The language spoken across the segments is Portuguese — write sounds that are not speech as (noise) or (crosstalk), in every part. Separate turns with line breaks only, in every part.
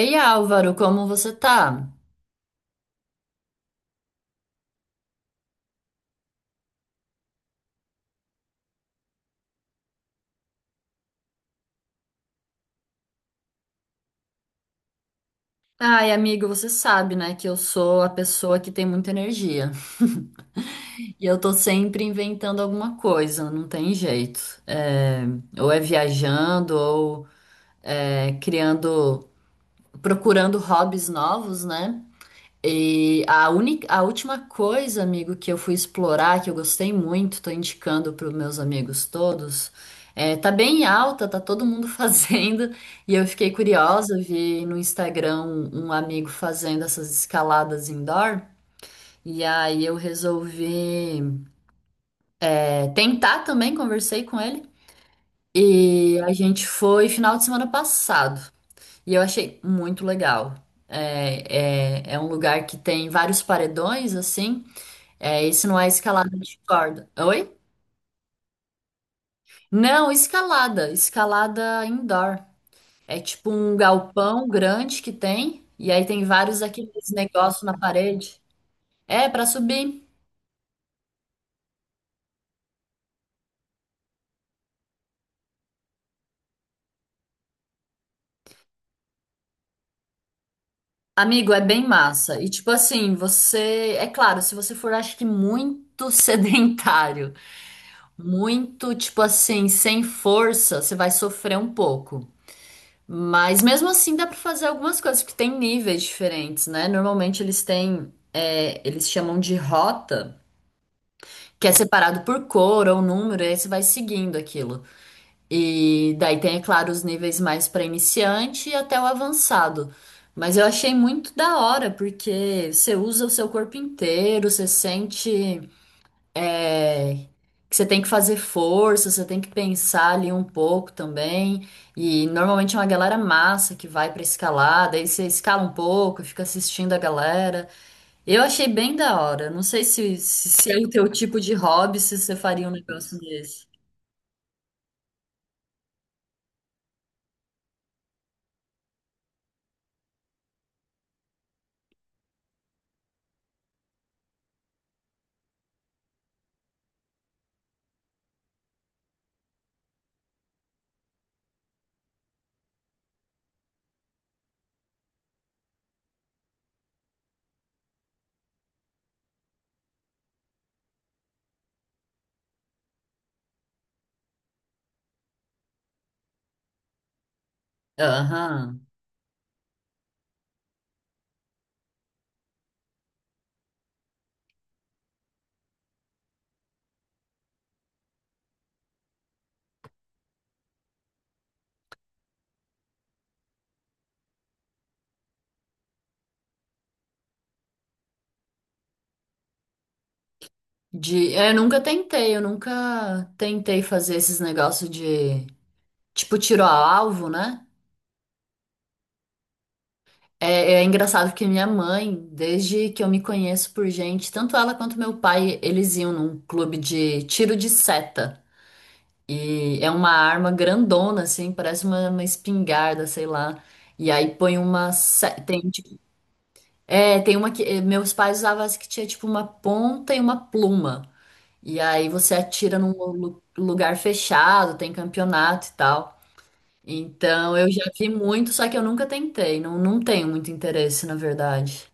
Ei, Álvaro, como você tá? Ai, amigo, você sabe, né, que eu sou a pessoa que tem muita energia. (laughs) E eu tô sempre inventando alguma coisa, não tem jeito. É, ou é viajando, ou criando, procurando hobbies novos, né? E a última coisa, amigo, que eu fui explorar, que eu gostei muito, tô indicando para os meus amigos todos, tá bem em alta, tá todo mundo (laughs) fazendo, e eu fiquei curiosa, vi no Instagram um amigo fazendo essas escaladas indoor, e aí eu resolvi, tentar também, conversei com ele, e a gente foi final de semana passado, e eu achei muito legal. É um lugar que tem vários paredões, assim. É, esse não é escalada de corda. Oi? Não, escalada. Escalada indoor. É tipo um galpão grande que tem, e aí tem vários aqueles negócios na parede. É, pra subir. Amigo, é bem massa. E tipo assim, você. É claro, se você for, acho que muito (laughs) sedentário, muito, tipo assim, sem força, você vai sofrer um pouco. Mas mesmo assim dá para fazer algumas coisas, porque tem níveis diferentes, né? Normalmente eles têm, eles chamam de rota, que é separado por cor ou número, e aí você vai seguindo aquilo. E daí tem, é claro, os níveis mais para iniciante e até o avançado. Mas eu achei muito da hora, porque você usa o seu corpo inteiro, você sente. É, que você tem que fazer força, você tem que pensar ali um pouco também. E normalmente é uma galera massa que vai pra escalar, daí você escala um pouco, fica assistindo a galera. Eu achei bem da hora. Não sei se é o teu tipo de hobby, se você faria um negócio desse. Aham. De, eu nunca tentei fazer esses negócios de tipo tiro a alvo, né? É engraçado que minha mãe, desde que eu me conheço por gente, tanto ela quanto meu pai, eles iam num clube de tiro de seta. E é uma arma grandona, assim, parece uma espingarda, sei lá. E aí põe uma. Se- tem, tem uma que. Meus pais usavam essa que tinha tipo uma ponta e uma pluma. E aí você atira num lugar fechado, tem campeonato e tal. Então eu já vi muito, só que eu nunca tentei. Não, não tenho muito interesse, na verdade.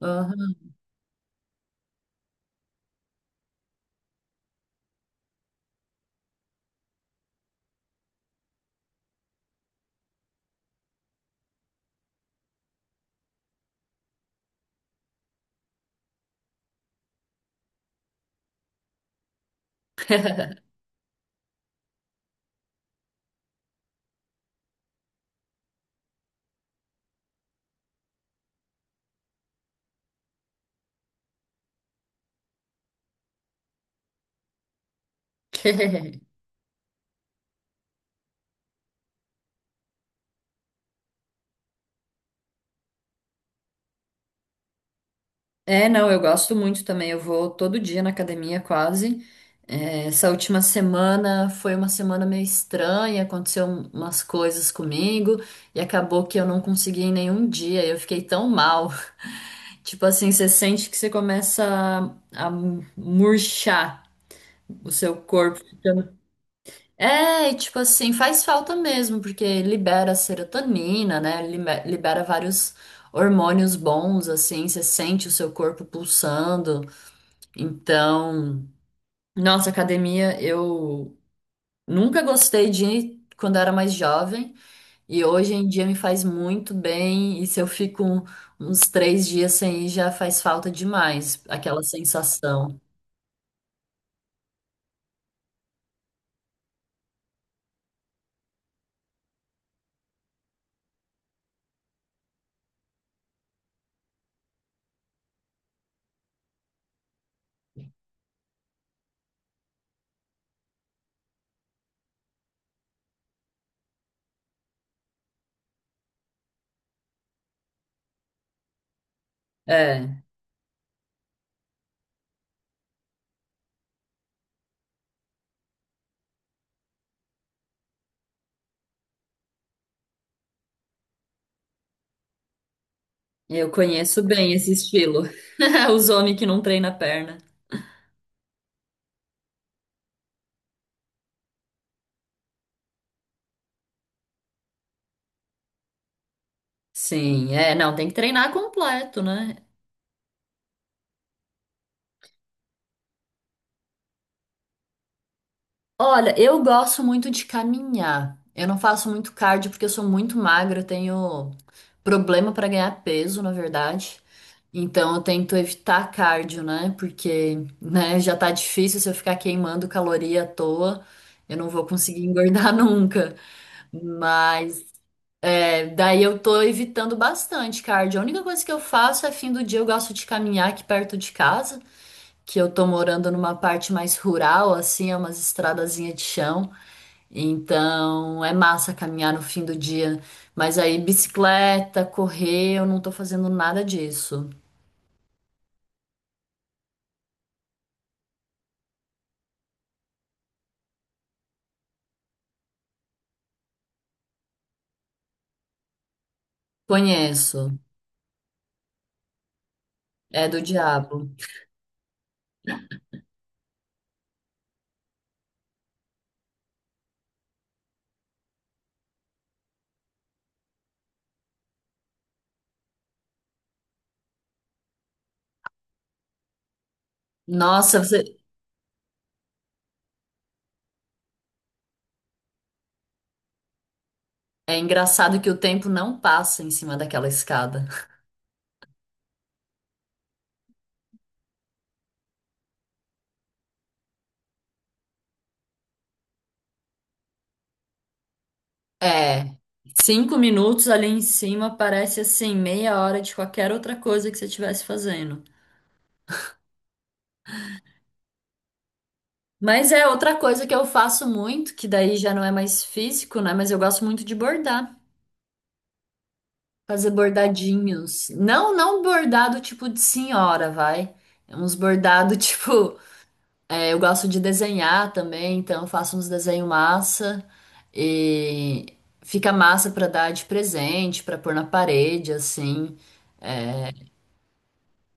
Aham. (laughs) É, não, eu gosto muito também. Eu vou todo dia na academia, quase. É, essa última semana foi uma semana meio estranha, umas coisas comigo e acabou que eu não consegui em nenhum dia. Eu fiquei tão mal. (laughs) Tipo assim, você sente que você começa a murchar o seu corpo. É, e tipo assim, faz falta mesmo, porque libera serotonina, né? Libera vários hormônios bons, assim, você sente o seu corpo pulsando. Então, nossa, academia, eu nunca gostei de ir quando era mais jovem, e hoje em dia me faz muito bem, e se eu fico uns três dias sem ir, já faz falta demais, aquela sensação. É, eu conheço bem esse estilo. (laughs) Os homens que não treinam a perna. Sim, é, não, tem que treinar completo, né? Olha, eu gosto muito de caminhar. Eu não faço muito cardio porque eu sou muito magra, eu tenho problema para ganhar peso, na verdade. Então eu tento evitar cardio, né? Porque, né, já tá difícil se eu ficar queimando caloria à toa, eu não vou conseguir engordar (laughs) nunca. Mas daí eu tô evitando bastante cardio. A única coisa que eu faço é fim do dia eu gosto de caminhar aqui perto de casa. Que eu tô morando numa parte mais rural, assim, é umas estradazinhas de chão. Então é massa caminhar no fim do dia. Mas aí, bicicleta, correr, eu não tô fazendo nada disso. Conheço. É do diabo. Nossa, você... É engraçado que o tempo não passa em cima daquela escada. É. Cinco minutos ali em cima parece assim, meia hora de qualquer outra coisa que você estivesse fazendo. Mas é outra coisa que eu faço muito, que daí já não é mais físico, né? Mas eu gosto muito de bordar, fazer bordadinhos. Não, não bordado tipo de senhora, vai. É uns bordado (laughs) tipo, eu gosto de desenhar também, então eu faço uns desenho massa e fica massa pra dar de presente, pra pôr na parede, assim.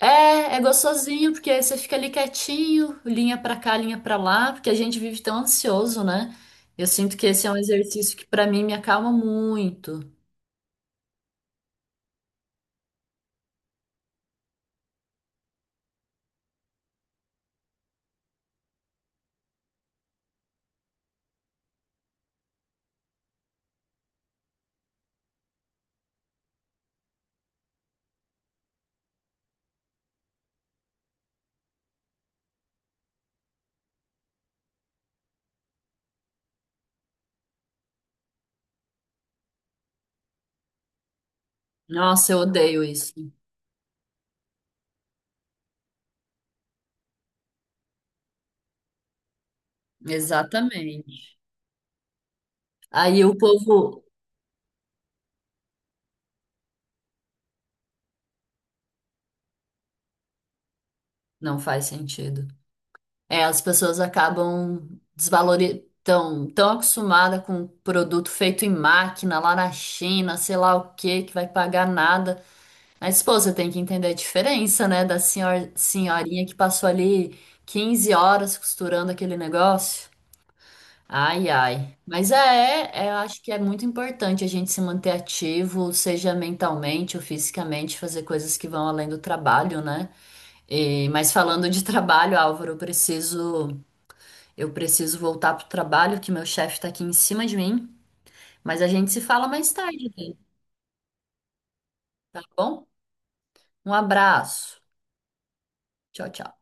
É, é gostosinho, porque aí você fica ali quietinho, linha pra cá, linha pra lá, porque a gente vive tão ansioso, né? Eu sinto que esse é um exercício que pra mim me acalma muito. Nossa, eu odeio isso. Exatamente. Aí o povo não faz sentido. É, as pessoas acabam desvalorizando, tão acostumada com produto feito em máquina lá na China, sei lá o que que vai pagar nada. Mas, pô, você tem que entender a diferença, né, da senhorinha que passou ali 15 horas costurando aquele negócio. Ai, ai. É, eu acho que é muito importante a gente se manter ativo, seja mentalmente ou fisicamente, fazer coisas que vão além do trabalho, né? E, mas falando de trabalho, Álvaro, eu preciso voltar pro trabalho, que meu chefe tá aqui em cima de mim. Mas a gente se fala mais tarde, tá bom? Um abraço. Tchau, tchau.